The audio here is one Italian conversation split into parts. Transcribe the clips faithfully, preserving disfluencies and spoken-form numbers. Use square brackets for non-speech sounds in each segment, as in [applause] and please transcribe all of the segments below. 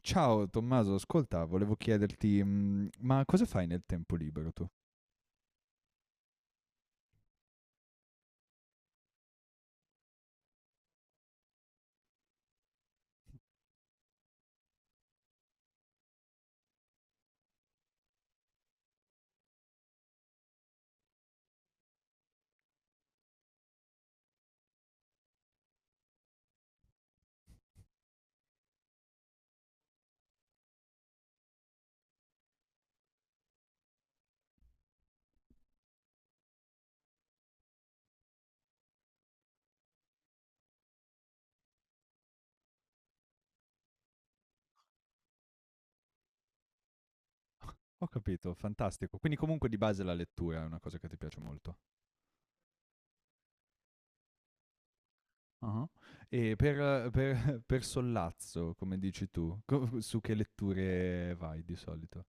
Ciao Tommaso, ascolta, volevo chiederti, mm, ma cosa fai nel tempo libero tu? Ho capito, fantastico. Quindi comunque di base la lettura è una cosa che ti piace molto. Ah. E per, per- [laughs] per sollazzo, come dici tu, co- su che letture vai di solito?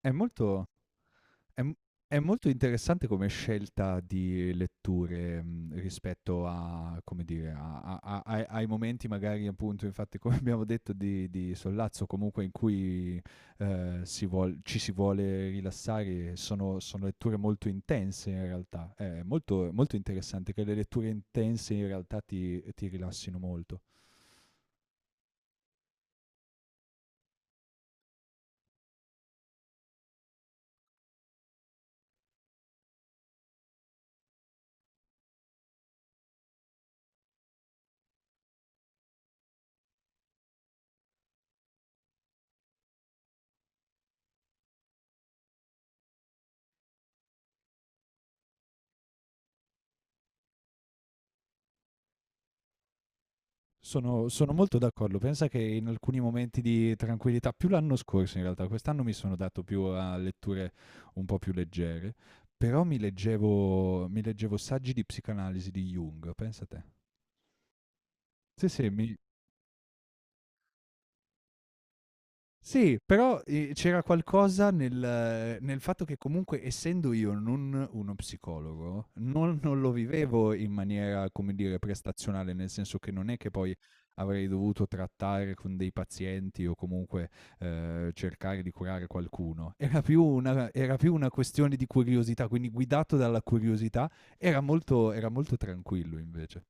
È molto... È m è molto interessante come scelta di letture, mhmm, rispetto a come dire, a a a ai ai momenti magari appunto, infatti come [laughs] abbiamo detto di di sollazzo, comunque in cui, ehm, si vuol ci si vuole rilassare, sono sono letture molto intense in realtà. È molto molto interessante che le letture intense in realtà ti ti rilassino molto. Sono, sono molto d'accordo. Pensa che in alcuni momenti di tranquillità, più l'anno scorso in realtà, quest'anno mi sono dato più a letture un po' più leggere, però mi leggevo, mi leggevo saggi di psicanalisi di Jung, pensa te. Sì, sì, mi, Sì, però, ehm, c'era qualcosa nel nel fatto che comunque essendo io non uno psicologo, non non lo vivevo in maniera, come dire, prestazionale, nel senso che non è che poi avrei dovuto trattare con dei pazienti o comunque, ehm, cercare di curare qualcuno. Era più una era più una questione di curiosità, quindi guidato dalla curiosità era molto, era molto tranquillo invece.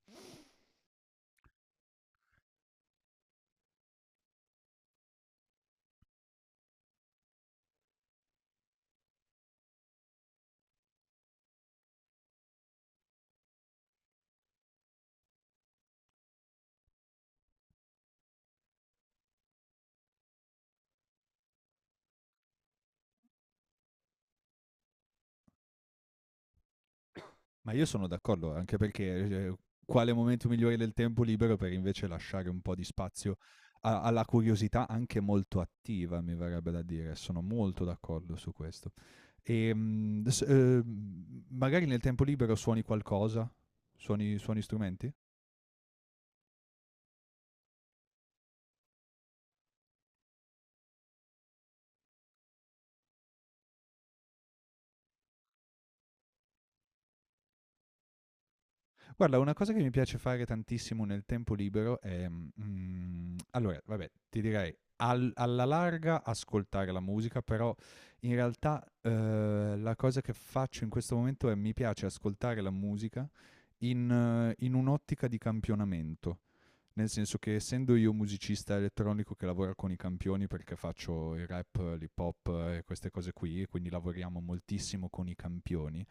Ma io sono d'accordo, anche perché eh, quale momento migliore del tempo libero per invece lasciare un po' di spazio a- alla curiosità anche molto attiva, mi verrebbe da dire. Sono molto d'accordo su questo. E, mm, adesso, eh, magari nel tempo libero suoni qualcosa, suoni, suoni strumenti. Guarda, una cosa che mi piace fare tantissimo nel tempo libero è... mm, allora, vabbè, ti direi al- alla larga ascoltare la musica, però in realtà eh, la cosa che faccio in questo momento è mi piace ascoltare la musica in, eh, in un'ottica di campionamento. Nel senso che essendo io musicista elettronico che lavora con i campioni perché faccio il rap, l'hip hop e queste cose qui, e quindi lavoriamo moltissimo con i campioni,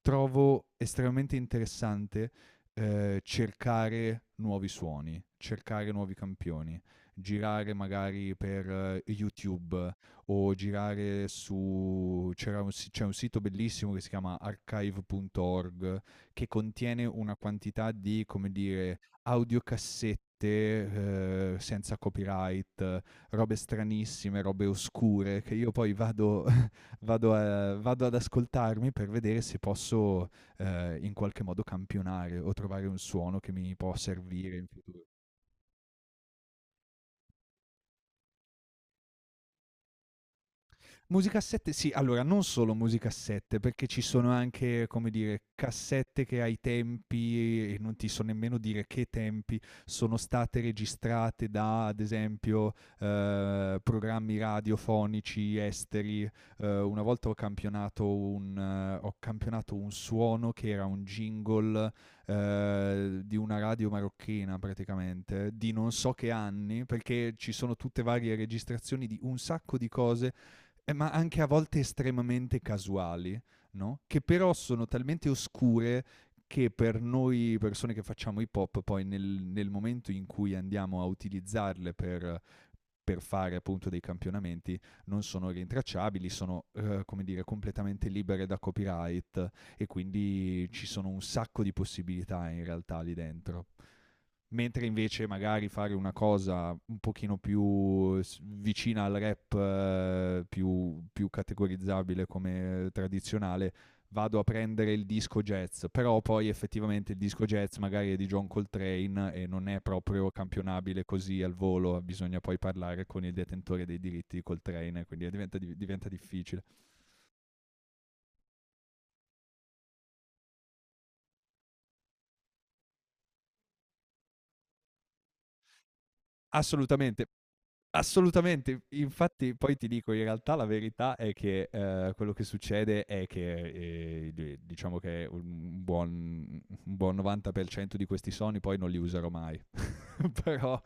trovo estremamente interessante eh, cercare nuovi suoni, cercare nuovi campioni, girare magari per eh, YouTube o girare su... c'era un si- c'è un sito bellissimo che si chiama archive punto org, che contiene una quantità di, come dire, audiocassette, eh, senza copyright, robe stranissime, robe oscure che io poi vado [laughs] vado, a- vado ad ascoltarmi per vedere se posso eh, in qualche modo campionare o trovare un suono che mi può servire in futuro. Musicassette, sì, allora non solo musicassette, perché ci sono anche, come dire, cassette che ai tempi, e non ti so nemmeno dire che tempi, sono state registrate da, ad esempio, eh, programmi radiofonici esteri. Eh, una volta ho campionato un, eh, ho campionato un suono che era un jingle eh, di una radio marocchina praticamente, di non so che anni, perché ci sono tutte varie registrazioni di un sacco di cose, eh, ma anche a volte estremamente casuali, no? Che però sono talmente oscure che per noi persone che facciamo hip hop, poi nel, nel momento in cui andiamo a utilizzarle per, per fare appunto dei campionamenti non sono rintracciabili, sono eh, come dire completamente libere da copyright e quindi ci sono un sacco di possibilità in realtà lì dentro. Mentre invece magari fare una cosa un pochino più s- vicina al rap, eh, più, più categorizzabile come tradizionale, vado a prendere il disco jazz, però poi effettivamente il disco jazz magari è di John Coltrane e non è proprio campionabile così al volo, bisogna poi parlare con il detentore dei diritti di Coltrane, quindi diventa, di- diventa difficile. Assolutamente. Assolutamente. Infatti poi ti dico, in realtà la verità è che, ehm, quello che succede è che, ehm, di diciamo che un buon un buon novanta per cento di questi soni poi non li userò mai, [laughs] però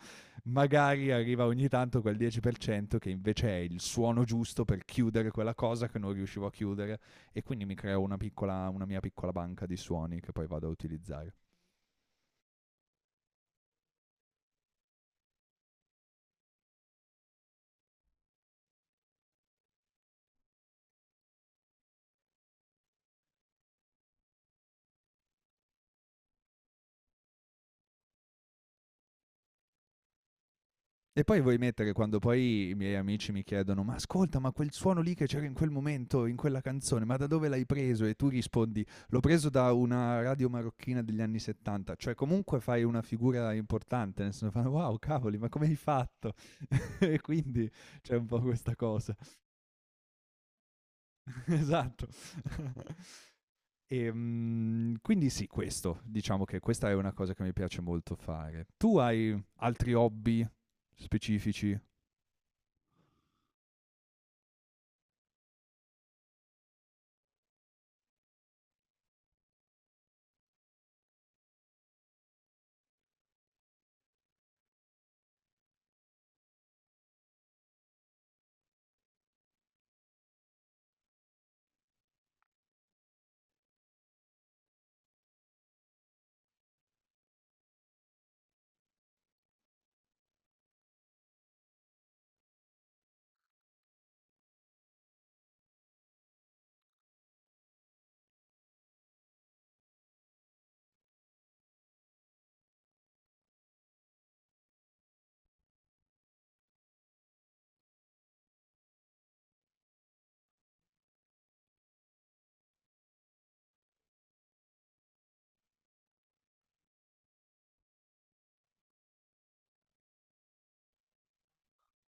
magari arriva ogni tanto quel dieci per cento che invece è il suono giusto per chiudere quella cosa che non riuscivo a chiudere e quindi mi creo una piccola una mia piccola banca di suoni che poi vado a utilizzare. E poi vuoi mettere quando poi i miei amici mi chiedono: Ma ascolta, ma quel suono lì che c'era in quel momento, in quella canzone, ma da dove l'hai preso? E tu rispondi: L'ho preso da una radio marocchina degli anni settanta. Cioè, comunque fai una figura importante, nel senso fanno: Wow, cavoli, ma come hai fatto? [laughs] e quindi c'è un po' questa cosa. [laughs] esatto. [laughs] e mm, quindi sì, questo, diciamo che questa è una cosa che mi piace molto fare. Tu hai altri hobby specifici?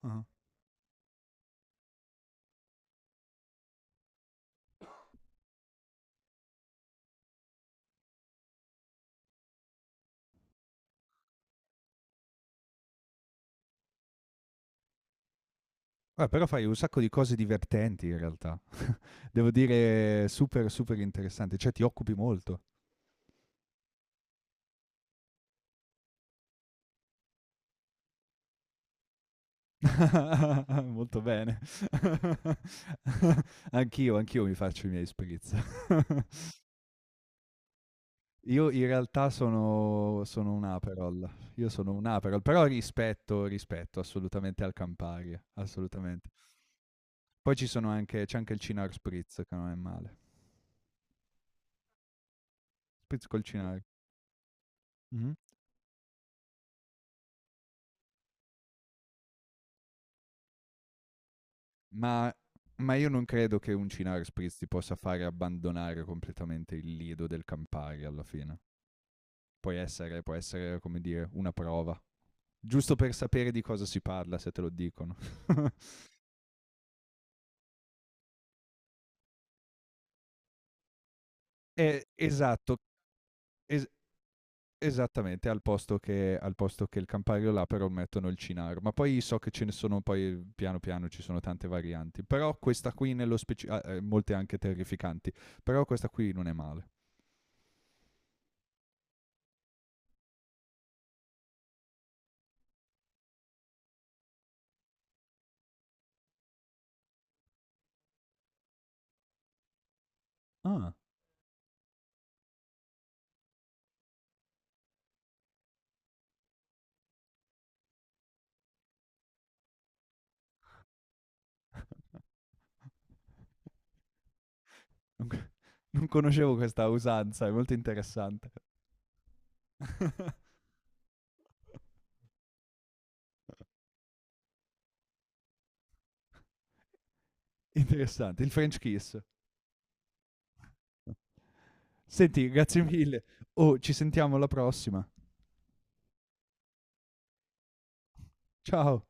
Ah. Eh, però fai un sacco di cose divertenti in realtà. Devo dire, super, super interessante. Cioè, ti occupi molto. [laughs] Molto bene. [laughs] anch'io, anch'io mi faccio i miei spritz. [laughs] Io in realtà sono, sono un Aperol. Io sono un Aperol, però rispetto, rispetto assolutamente al Campari, assolutamente. Poi ci sono anche, c'è anche il Cinar Spritz, che non è male. Spritz col Cinar. Mhm. Ma ma io non credo che un Cinare Spritz ti possa fare abbandonare completamente il lido del Campari alla fine. Può essere, può essere, come dire, una prova. Giusto per sapere di cosa si parla, se te lo dicono. [laughs] Eh, esatto, es- esattamente, al posto, che, al posto che il Campari là però mettono il Cinaro. Ma poi so che ce ne sono, poi piano piano ci sono tante varianti. Però questa qui nello specifico, ah, eh, molte anche terrificanti. Però questa qui non è male. Ah, ok. Non conoscevo questa usanza, è molto interessante. [laughs] interessante, il French kiss. Senti, grazie mille. Oh, ci sentiamo alla prossima. Ciao.